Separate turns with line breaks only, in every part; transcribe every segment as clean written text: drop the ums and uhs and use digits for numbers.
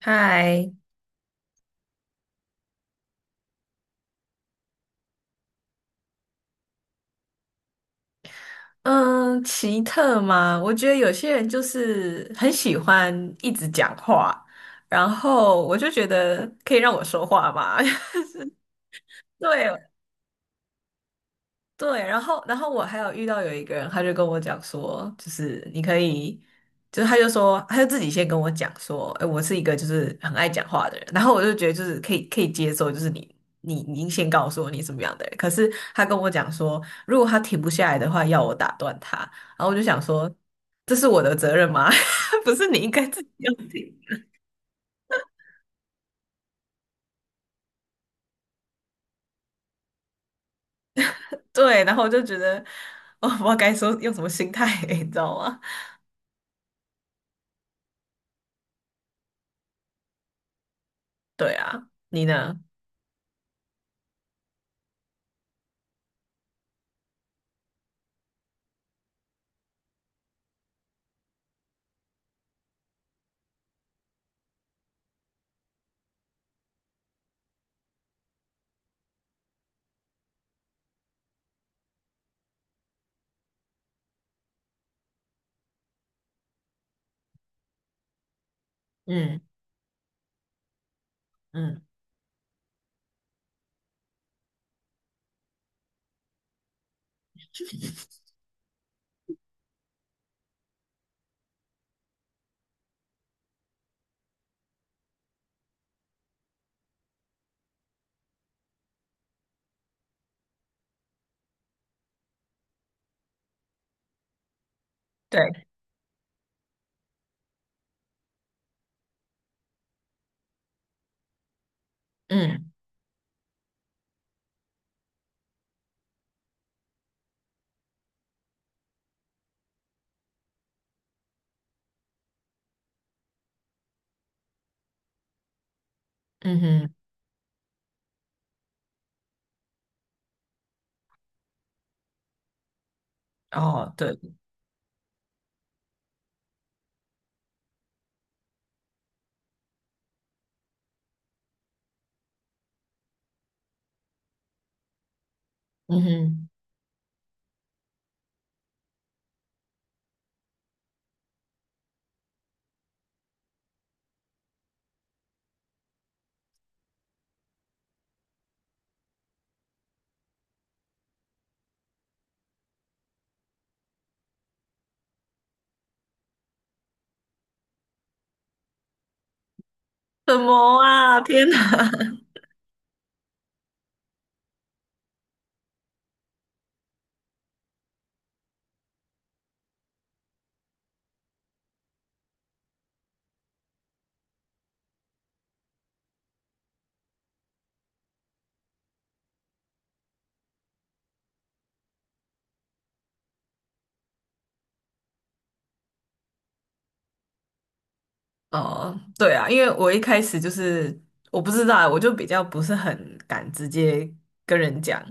嗨，嗯，奇特吗？我觉得有些人就是很喜欢一直讲话，然后我就觉得可以让我说话吗？对，对，然后我还有遇到有一个人，他就跟我讲说，就是你可以，就是他就说，他就自己先跟我讲说，哎，我是一个就是很爱讲话的人，然后我就觉得就是可以接受，就是你先告诉我你什么样的人，可是他跟我讲说，如果他停不下来的话，要我打断他，然后我就想说，这是我的责任吗？不是你应该自己要停？对，然后我就觉得，我不知道该说用什么心态，你知道吗？对啊，你呢？嗯嗯。对。嗯嗯哼，哦，对，嗯哼，什么啊！天哪！哦，对啊，因为我一开始就是我不知道啊，我就比较不是很敢直接跟人讲，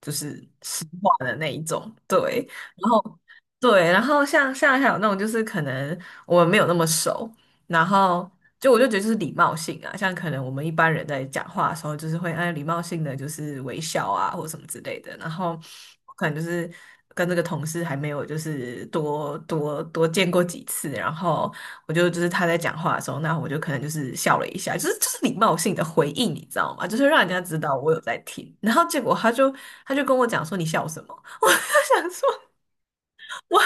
就是实话的那一种。对，然后对，然后像还有那种就是可能我们没有那么熟，然后就我就觉得就是礼貌性啊，像可能我们一般人在讲话的时候，就是会按礼貌性的就是微笑啊或什么之类的。然后可能就是跟这个同事还没有就是多见过几次，然后我就就是他在讲话的时候，那我就可能就是笑了一下，就是就是礼貌性的回应，你知道吗？就是让人家知道我有在听。然后结果他就他就跟我讲说你笑什么？他想说我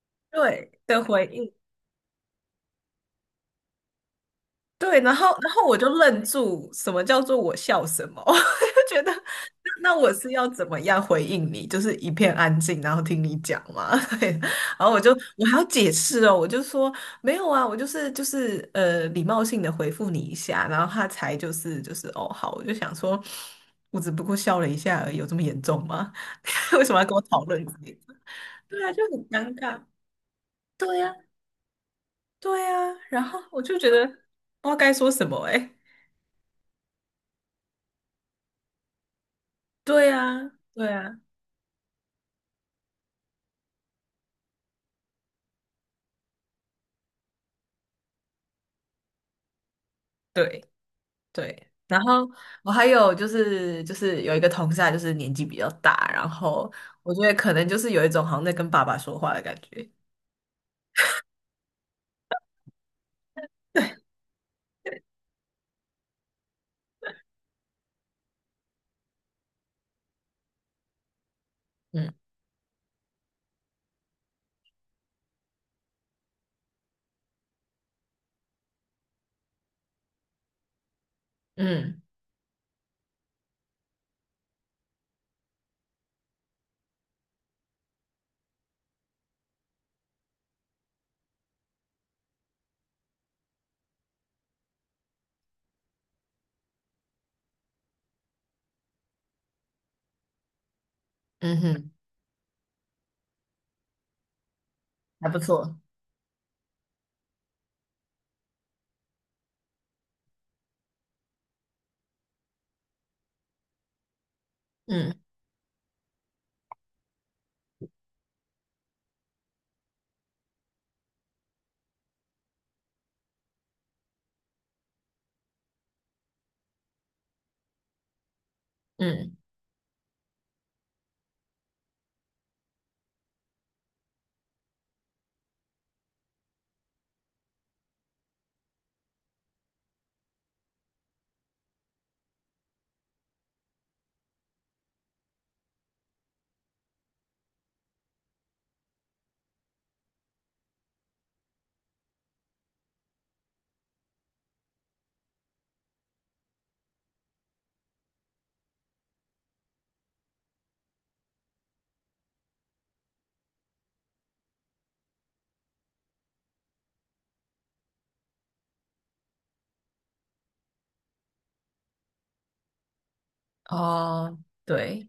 对的回应。对，然后我就愣住，什么叫做我笑什么？我就觉得那那我是要怎么样回应你？就是一片安静，然后听你讲嘛。对，然后我就我还要解释哦，我就说没有啊，我就是就是礼貌性的回复你一下，然后他才就是就是哦好，我就想说，我只不过笑了一下而已，有这么严重吗？为什么要跟我讨论这个？对啊，就很尴尬。对呀，对呀，然后我就觉得不知道该说什么哎、对啊，对啊，对对。然后我还有就是就是有一个同事，他就是年纪比较大，然后我觉得可能就是有一种好像在跟爸爸说话的感觉。对，嗯嗯嗯哼，还不错。嗯嗯，哦，对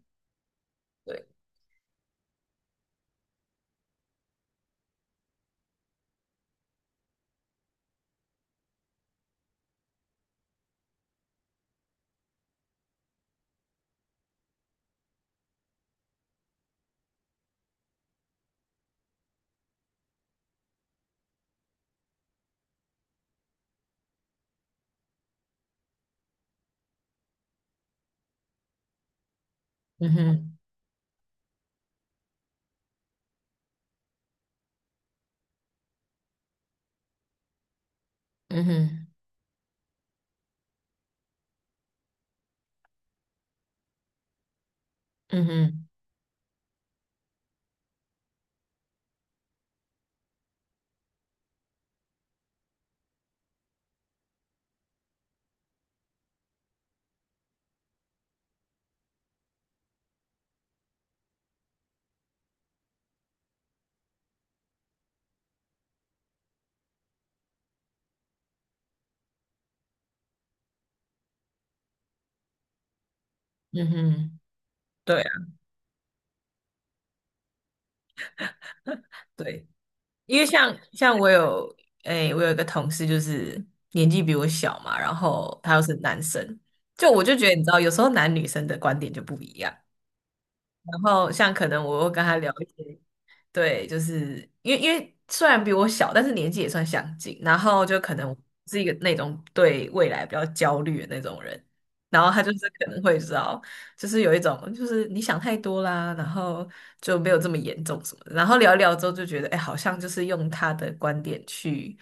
对，嗯哼嗯哼嗯哼嗯哼，对啊，对。因为像我有诶、我有一个同事就是年纪比我小嘛，然后他又是男生，就我就觉得你知道，有时候男女生的观点就不一样。然后像可能我又跟他聊一些。对，就是因为虽然比我小，但是年纪也算相近，然后就可能是一个那种对未来比较焦虑的那种人，然后他就是可能会知道，就是有一种就是你想太多啦，然后就没有这么严重什么的，然后聊一聊之后就觉得，哎，好像就是用他的观点去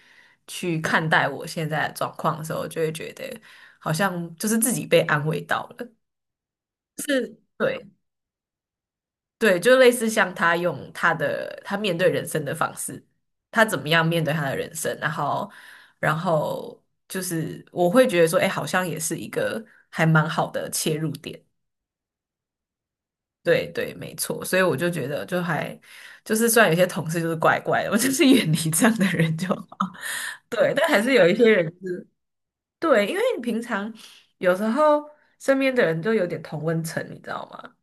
看待我现在的状况的时候，就会觉得好像就是自己被安慰到了，对，对，就类似像他用他的他面对人生的方式，他怎么样面对他的人生，然后，然后就是我会觉得说，哎，好像也是一个还蛮好的切入点。对对，没错，所以我就觉得就还就是虽然有些同事就是怪怪的，我就是远离这样的人就好。对，但还是有一些人是。对，因为你平常有时候身边的人就有点同温层，你知道吗？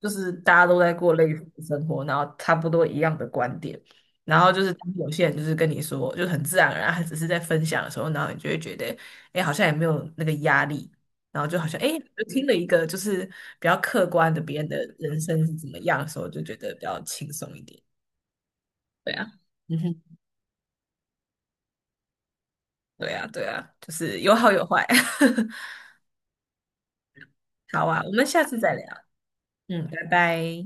就是大家都在过类似的生活，然后差不多一样的观点，然后就是当有些人就是跟你说，就很自然而然，他只是在分享的时候，然后你就会觉得，哎，好像也没有那个压力，然后就好像，哎，就听了一个就是比较客观的别人的人生是怎么样的时候，就觉得比较轻松一点。对啊，嗯哼，对啊，对啊，就是有好有坏。好啊，我们下次再聊。嗯，拜拜。